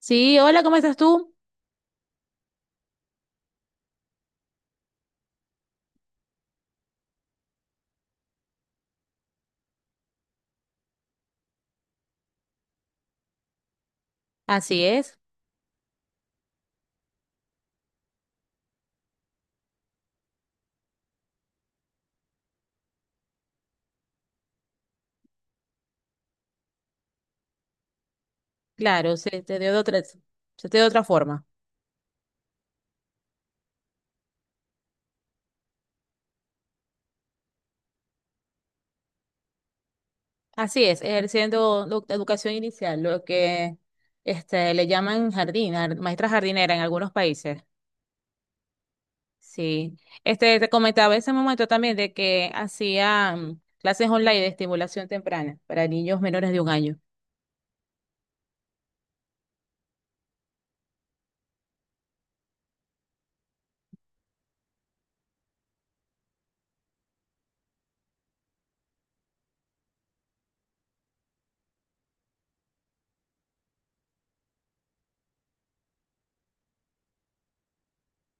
Sí, hola, ¿cómo estás tú? Así es, claro, se te dio de otra forma. Así es, ejerciendo educación inicial, lo que le llaman jardín, maestra jardinera en algunos países. Sí, te comentaba ese momento también de que hacían clases online de estimulación temprana para niños menores de un año.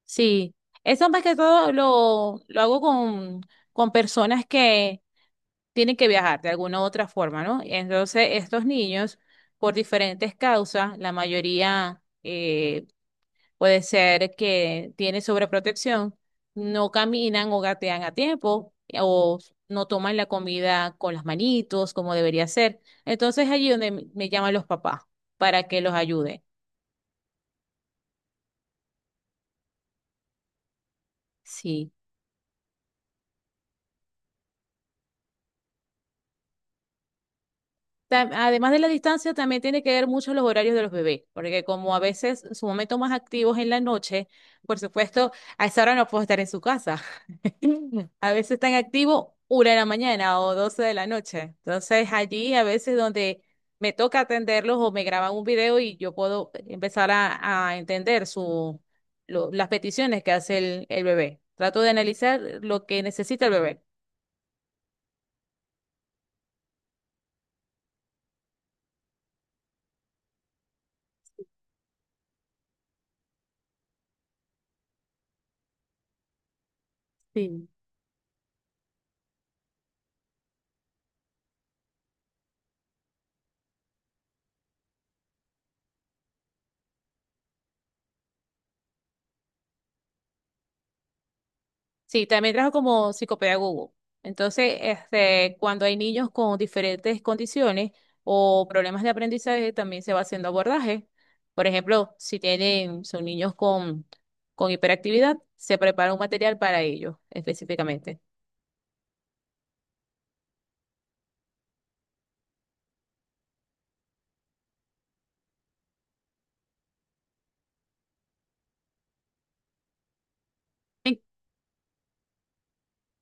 Sí, eso más que todo lo hago con personas que tienen que viajar de alguna u otra forma, ¿no? Entonces, estos niños, por diferentes causas, la mayoría puede ser que tiene sobreprotección, no caminan o gatean a tiempo, o no toman la comida con las manitos como debería ser. Entonces, allí donde me llaman los papás para que los ayude. Sí. Además de la distancia, también tiene que ver mucho los horarios de los bebés, porque como a veces su momento más activo es en la noche, por supuesto, a esa hora no puedo estar en su casa. A veces están activos una de la mañana o 12 de la noche. Entonces allí a veces donde me toca atenderlos o me graban un video y yo puedo empezar a entender las peticiones que hace el bebé. Trato de analizar lo que necesita el bebé. Sí, también trabajo como psicopedagogo. Entonces, cuando hay niños con diferentes condiciones o problemas de aprendizaje, también se va haciendo abordaje. Por ejemplo, si tienen, son niños con hiperactividad, se prepara un material para ellos específicamente.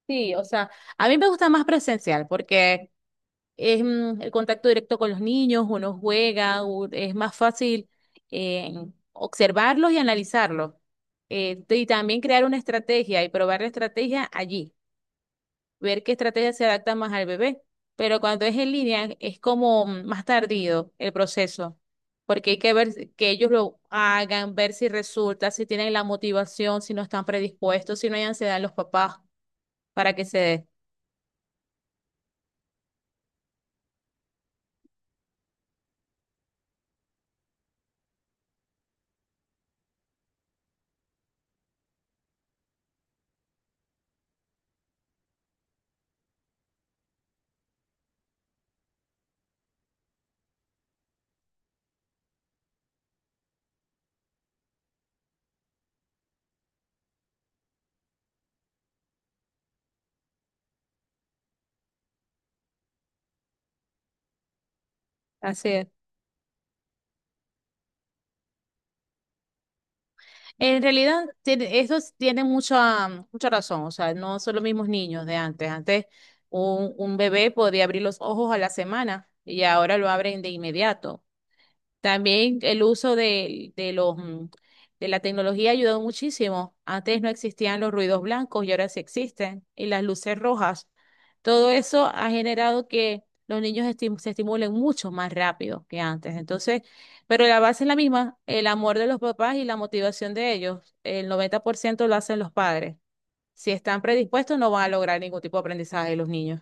Sí, o sea, a mí me gusta más presencial porque es el contacto directo con los niños, uno juega, es más fácil eh, observarlos y analizarlos. Y también crear una estrategia y probar la estrategia allí, ver qué estrategia se adapta más al bebé. Pero cuando es en línea es como más tardío el proceso, porque hay que ver que ellos lo hagan, ver si resulta, si tienen la motivación, si no están predispuestos, si no hay ansiedad en los papás para que se dé. Así es. En realidad, tiene mucha, mucha razón. O sea, no son los mismos niños de antes. Antes, un bebé podía abrir los ojos a la semana y ahora lo abren de inmediato. También el uso de la tecnología ha ayudado muchísimo. Antes no existían los ruidos blancos y ahora sí existen, y las luces rojas. Todo eso ha generado que los niños se estimulen mucho más rápido que antes. Entonces, pero la base es la misma, el amor de los papás y la motivación de ellos. El 90% lo hacen los padres. Si están predispuestos, no van a lograr ningún tipo de aprendizaje de los niños.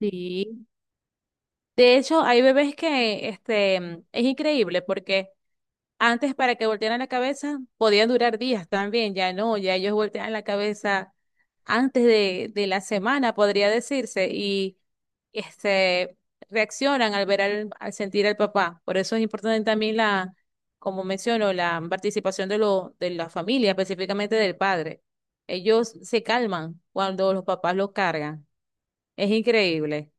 Sí. De hecho, hay bebés que es increíble porque antes para que voltearan la cabeza podían durar días también, ya no, ya ellos voltean la cabeza antes de la semana, podría decirse, y este, reaccionan al ver al sentir al papá. Por eso es importante también la, como menciono, la participación de la familia, específicamente del padre. Ellos se calman cuando los papás los cargan. Es increíble.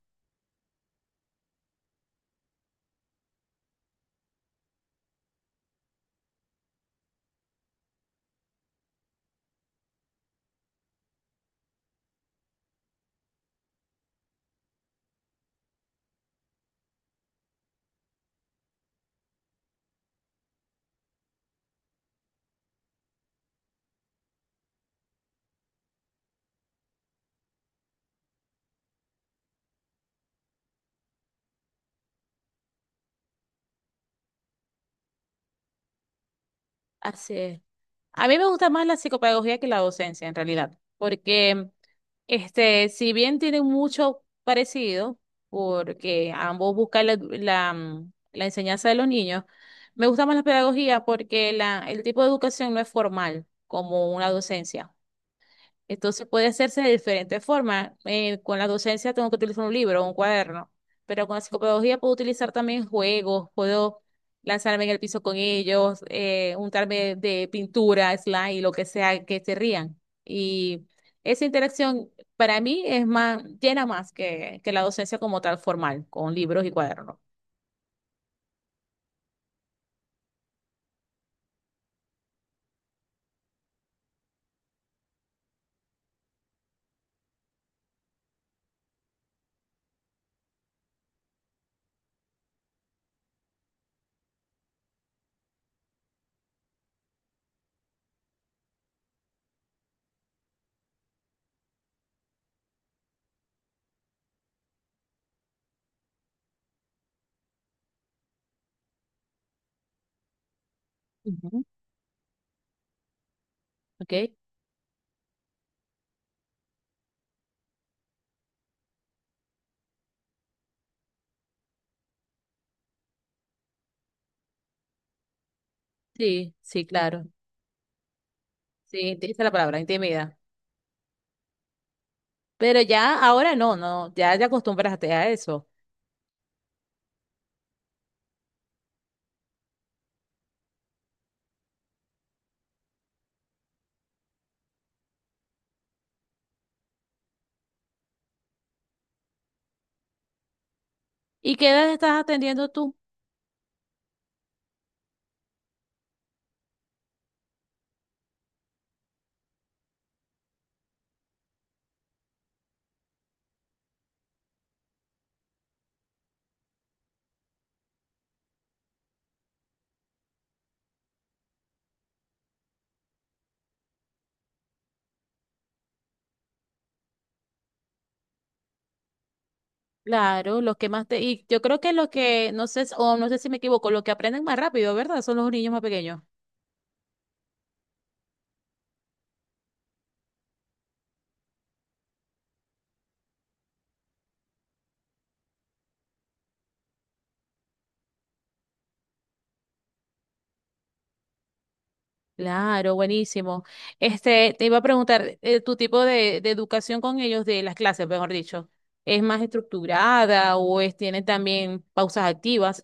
Así es. A mí me gusta más la psicopedagogía que la docencia, en realidad, porque si bien tienen mucho parecido, porque ambos buscan la enseñanza de los niños, me gusta más la pedagogía porque el tipo de educación no es formal como una docencia. Entonces puede hacerse de diferentes formas. Con la docencia tengo que utilizar un libro o un cuaderno, pero con la psicopedagogía puedo utilizar también juegos, puedo lanzarme en el piso con ellos, untarme de pintura, slime, lo que sea, que se rían. Y esa interacción para mí llena más que la docencia como tal formal, con libros y cuadernos. Ujú. ¿Ok? Sí, sí, claro. Sí, esa es la palabra, intimida. Pero ya ahora no, no, ya te acostumbraste a eso. ¿Y qué edad estás atendiendo tú? Claro, los que más te. Y yo creo que los que, no sé, o no sé si me equivoco, los que aprenden más rápido, ¿verdad? Son los niños más pequeños. Claro, buenísimo. Te iba a preguntar, tu tipo de educación con ellos, de las clases, mejor dicho, ¿es más estructurada o tiene también pausas activas?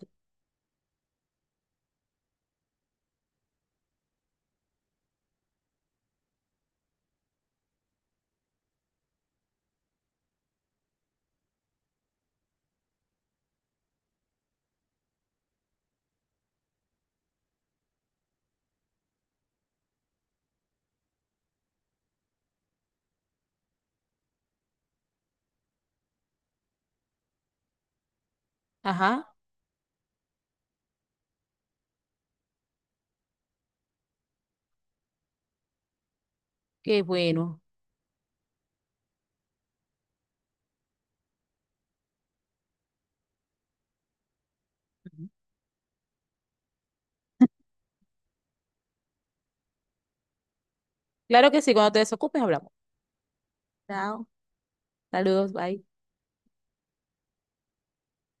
Ajá, qué bueno. Ujú. Claro que sí, cuando te desocupes hablamos. Chao. Saludos, bye.